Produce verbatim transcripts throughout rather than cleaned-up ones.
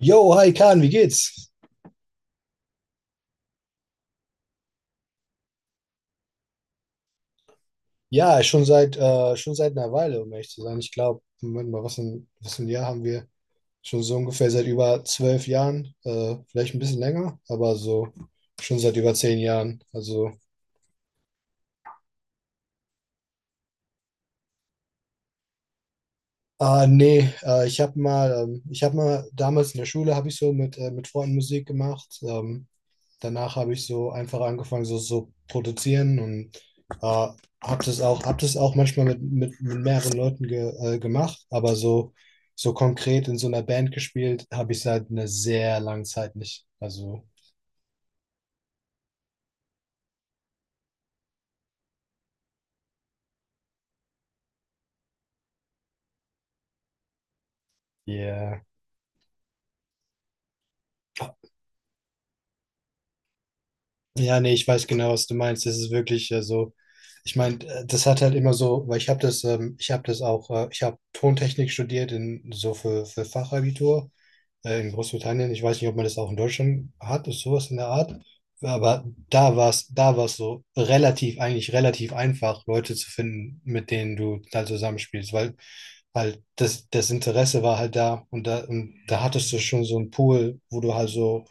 Yo, hi Kahn, wie geht's? Ja, schon seit äh, schon seit einer Weile, um ehrlich zu sein. Ich glaube, Moment mal, was ein, was ein Jahr haben wir? Schon so ungefähr seit über zwölf Jahren, äh, vielleicht ein bisschen länger, aber so schon seit über zehn Jahren. Also, ah nee, äh, ich habe mal, ähm, ich habe mal damals in der Schule habe ich so mit äh, mit Freunden Musik gemacht. Ähm, danach habe ich so einfach angefangen, so so produzieren und äh, habe das auch, hab das auch manchmal mit, mit, mit mehreren Leuten ge, äh, gemacht, aber so, so konkret in so einer Band gespielt, habe ich seit einer sehr langen Zeit nicht. Also, yeah. Ja, nee, ich weiß genau, was du meinst. Das ist wirklich äh, so. Ich meine, äh, das hat halt immer so, weil ich habe das, ähm, ich habe das auch, äh, ich habe Tontechnik studiert in so für, für Fachabitur äh, in Großbritannien, ich weiß nicht, ob man das auch in Deutschland hat, ist sowas in der Art. Aber da war es, da war es so relativ, eigentlich relativ einfach, Leute zu finden, mit denen du da zusammenspielst, weil halt das, das Interesse war halt da, und da, und da hattest du schon so einen Pool, wo du halt so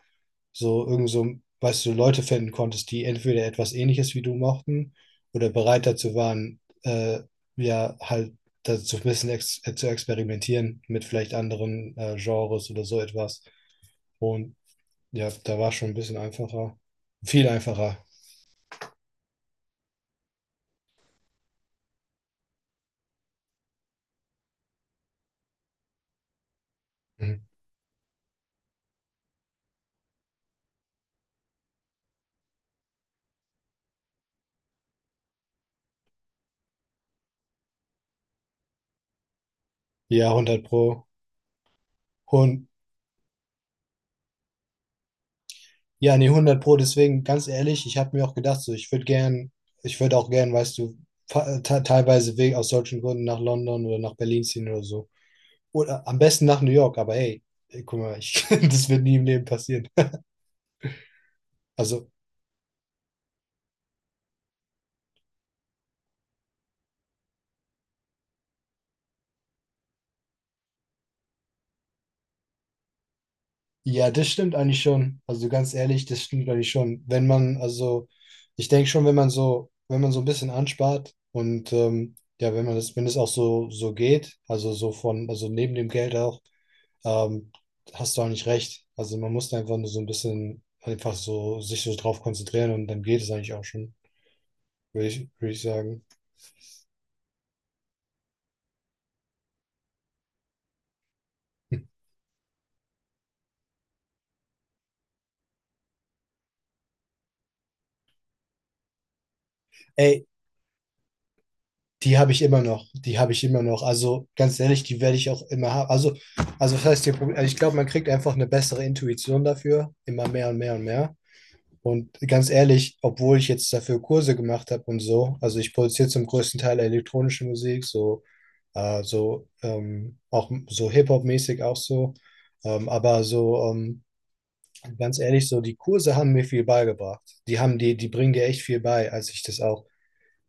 so irgend so, weißt du, Leute finden konntest, die entweder etwas Ähnliches wie du mochten oder bereit dazu waren, äh, ja, halt dazu ein bisschen ex äh, zu experimentieren mit vielleicht anderen äh, Genres oder so etwas. Und ja, da war schon ein bisschen einfacher. Viel einfacher. Mhm. Ja, hundert Pro. Und ja, nee, hundert Pro, deswegen ganz ehrlich, ich habe mir auch gedacht, so, ich würde gern, ich würde auch gern, weißt du, fa- te- teilweise wegen aus solchen Gründen nach London oder nach Berlin ziehen oder so. Oder am besten nach New York, aber hey, ey, guck mal, ich, das wird nie im Leben passieren. Also, ja, das stimmt eigentlich schon. Also ganz ehrlich, das stimmt eigentlich schon. Wenn man, also, ich denke schon, wenn man so, wenn man so ein bisschen anspart und ähm, ja, wenn man das, wenn es auch so, so geht, also so von, also neben dem Geld auch. ähm, Hast du eigentlich recht. Also man muss da einfach nur so ein bisschen einfach so sich so drauf konzentrieren und dann geht es eigentlich auch schon, würde ich, würde ich sagen. Ey, die habe ich immer noch, die habe ich immer noch. Also ganz ehrlich, die werde ich auch immer haben. Also, also das heißt, die Prob- also ich glaube, man kriegt einfach eine bessere Intuition dafür, immer mehr und mehr und mehr. Und ganz ehrlich, obwohl ich jetzt dafür Kurse gemacht habe und so, also ich produziere zum größten Teil elektronische Musik, so, äh, so ähm, auch m- so Hip-Hop-mäßig auch so. Ähm, aber so, ähm, ganz ehrlich, so die Kurse haben mir viel beigebracht. Die haben die, die bringen dir echt viel bei, als ich das auch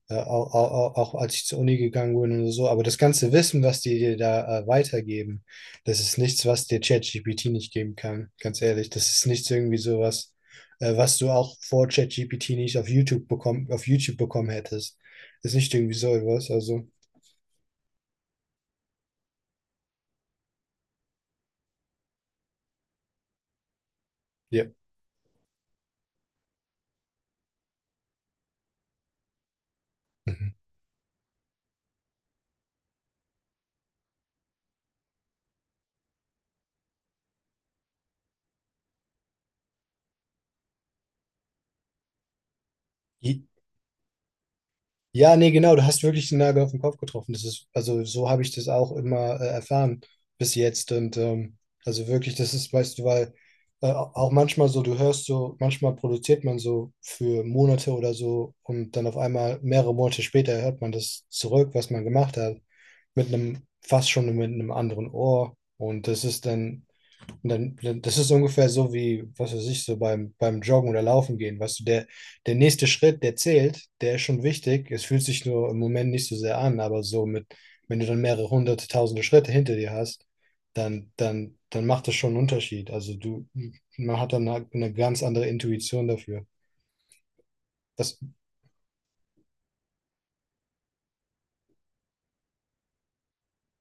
äh, auch, auch, auch, als ich zur Uni gegangen bin und so. Aber das ganze Wissen, was die dir da äh, weitergeben, das ist nichts, was dir ChatGPT nicht geben kann. Ganz ehrlich, das ist nichts irgendwie sowas, äh, was du auch vor ChatGPT nicht auf YouTube bekommen, auf YouTube bekommen hättest. Das ist nicht irgendwie so etwas. Also, ja. Mhm. Ja, nee, genau, du hast wirklich den Nagel auf den Kopf getroffen. Das ist, also so habe ich das auch immer äh, erfahren bis jetzt. Und ähm, also wirklich, das ist, weißt du, weil äh, auch manchmal so, du hörst so, manchmal produziert man so für Monate oder so und dann auf einmal mehrere Monate später hört man das zurück, was man gemacht hat, mit einem, fast schon mit einem anderen Ohr. Und das ist dann und dann, dann, das ist ungefähr so wie, was weiß ich, so beim, beim Joggen oder Laufen gehen. Weißt du, der, der nächste Schritt, der zählt, der ist schon wichtig. Es fühlt sich nur im Moment nicht so sehr an, aber so mit, wenn du dann mehrere hunderte, tausende Schritte hinter dir hast, dann, dann, dann macht das schon einen Unterschied. Also du, man hat dann eine, eine ganz andere Intuition dafür. Das,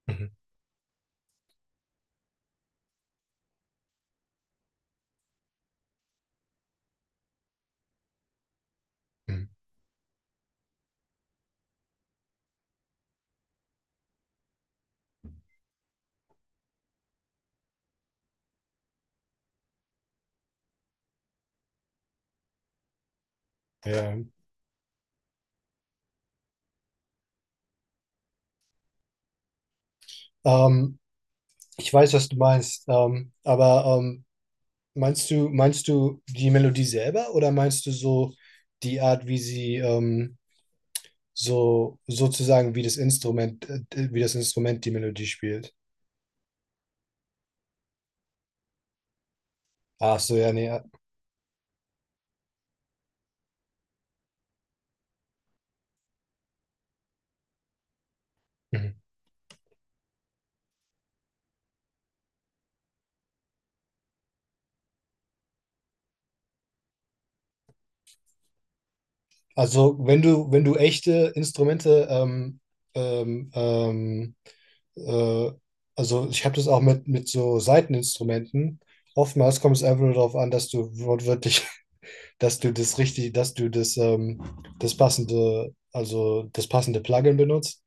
Mhm. Mhm. Ja. Ähm, Ich weiß, was du meinst, ähm, aber ähm, Meinst du, meinst du die Melodie selber oder meinst du so die Art, wie sie ähm, so sozusagen wie das Instrument, äh, wie das Instrument die Melodie spielt? Ach so, ja, nee. Ja. Mhm. Also wenn du, wenn du echte Instrumente, ähm, ähm, ähm, äh, also ich habe das auch mit, mit so Saiteninstrumenten. Oftmals kommt es einfach nur darauf an, dass du wortwörtlich, dass du das richtig, dass du das, ähm, das passende, also das passende Plugin benutzt.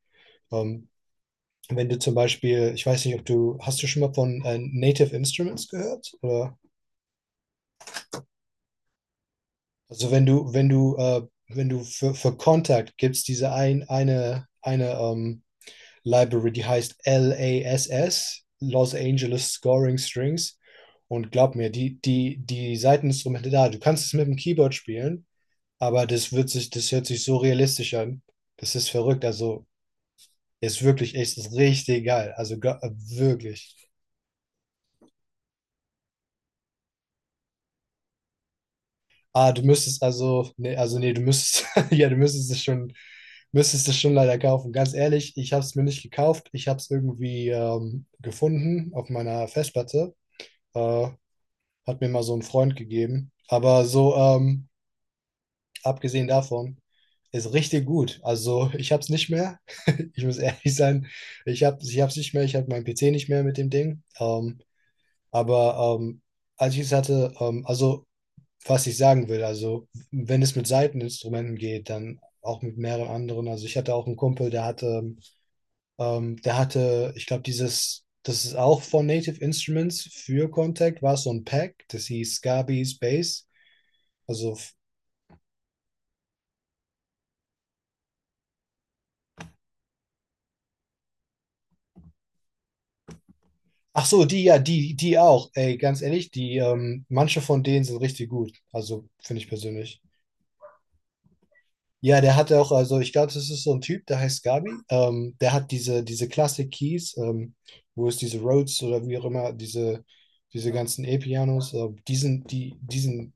Ähm, Wenn du zum Beispiel, ich weiß nicht, ob du, hast du schon mal von äh, Native Instruments gehört? Oder? Also wenn du, wenn du, äh, wenn du für, für Kontakt gibst, diese ein, eine, eine ähm, Library, die heißt lass, Los Angeles Scoring Strings. Und glaub mir, die, die, die Saiteninstrumente da, du kannst es mit dem Keyboard spielen, aber das wird sich, das hört sich so realistisch an. Das ist verrückt. Also ist wirklich, ist richtig geil. Also ge- wirklich. Ah, du müsstest also, nee, also nee, du müsstest, ja, du müsstest es schon, müsstest es schon leider kaufen. Ganz ehrlich, ich habe es mir nicht gekauft. Ich habe es irgendwie ähm, gefunden auf meiner Festplatte. Äh, Hat mir mal so ein Freund gegeben. Aber so, ähm, abgesehen davon, ist richtig gut. Also ich habe es nicht mehr. Ich muss ehrlich sein, ich habe ich hab's nicht mehr. Ich habe meinen P C nicht mehr mit dem Ding. Ähm, aber ähm, als ich es hatte, ähm, also was ich sagen will. Also, wenn es mit Seiteninstrumenten geht, dann auch mit mehreren anderen. Also, ich hatte auch einen Kumpel, der hatte, ähm, der hatte, ich glaube, dieses, das ist auch von Native Instruments für Contact, war so ein Pack, das hieß Scabies Bass. Also, ach so, die, ja, die, die auch. Ey, ganz ehrlich, die, ähm, manche von denen sind richtig gut. Also, finde ich persönlich. Ja, der hatte auch, also ich glaube, das ist so ein Typ, der heißt Gabi. Ähm, der hat diese, diese Classic Keys, ähm, wo es diese Rhodes oder wie auch immer, diese, diese ganzen E-Pianos, äh, die sind, die, die sind,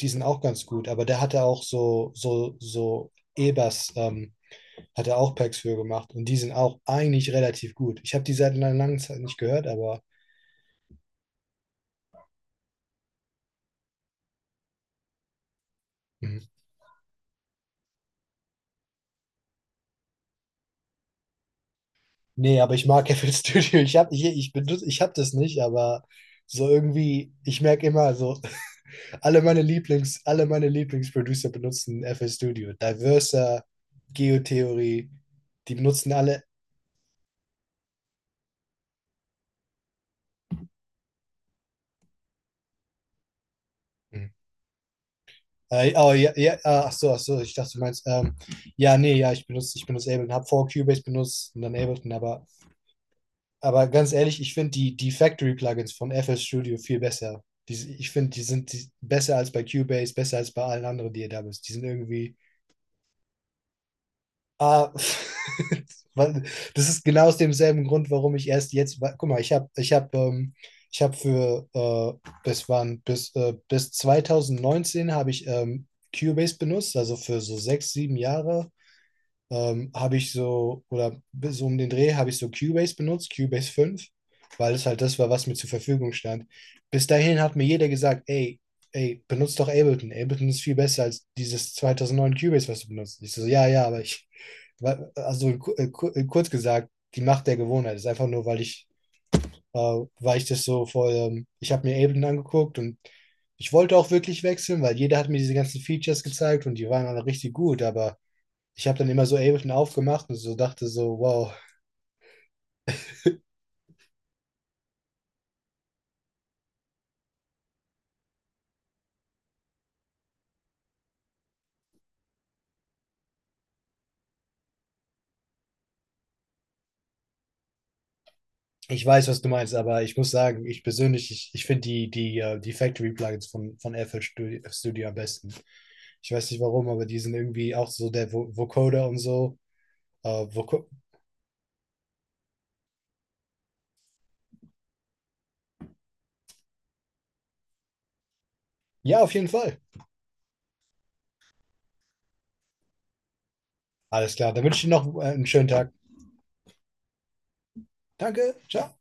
die sind auch ganz gut, aber der hatte auch so, so, so E-Bass, ähm, hat er auch Packs für gemacht und die sind auch eigentlich relativ gut. Ich habe die seit einer langen Zeit nicht gehört, aber mhm. Nee, aber ich mag F L Studio. Ich habe ich, ich benutze, Ich habe das nicht, aber so irgendwie, ich merke immer so, Alle meine Lieblings, alle meine Lieblingsproducer benutzen F L Studio. Diverser, Geotheorie, die benutzen alle. Hm. Äh, oh, ja, ja, ah, ach so, ach so, ich dachte, du meinst, ähm, ja, nee, ja, ich benutze, ich benutze Ableton, habe vor Cubase benutzt und dann Ableton, aber, aber, ganz ehrlich, ich finde die, die Factory-Plugins von F L Studio viel besser. Die, ich finde, die sind die, besser als bei Cubase, besser als bei allen anderen, die ihr da bist. Die sind irgendwie, Ah, weil das ist genau aus demselben Grund, warum ich erst jetzt, wa- guck mal, ich habe, ich habe, ähm, ich habe für, äh, das waren bis, äh, bis zwanzig neunzehn habe ich ähm, Cubase benutzt, also für so sechs, sieben Jahre ähm, habe ich so, oder bis so um den Dreh habe ich so Cubase benutzt, Cubase fünf, weil es halt das war, was mir zur Verfügung stand. Bis dahin hat mir jeder gesagt, ey, Ey, benutzt doch Ableton. Ableton ist viel besser als dieses zweitausendneun Cubase, was du benutzt. Ich so, ja, ja, aber ich, weil- Also ku- äh, ku- äh, kurz gesagt, die Macht der Gewohnheit ist einfach nur, weil ich, äh, weil ich das so voll, ähm, ich habe mir Ableton angeguckt und ich wollte auch wirklich wechseln, weil jeder hat mir diese ganzen Features gezeigt und die waren alle richtig gut, aber ich habe dann immer so Ableton aufgemacht und so dachte so, wow, ich weiß, was du meinst, aber ich muss sagen, ich persönlich, ich, ich finde die, die, äh, die Factory-Plugins von, von F L Studio, Studio am besten. Ich weiß nicht warum, aber die sind irgendwie auch so der Vo Vocoder und so. Äh, Voco Ja, auf jeden Fall. Alles klar, dann wünsche ich dir noch äh, einen schönen Tag. Danke, ciao.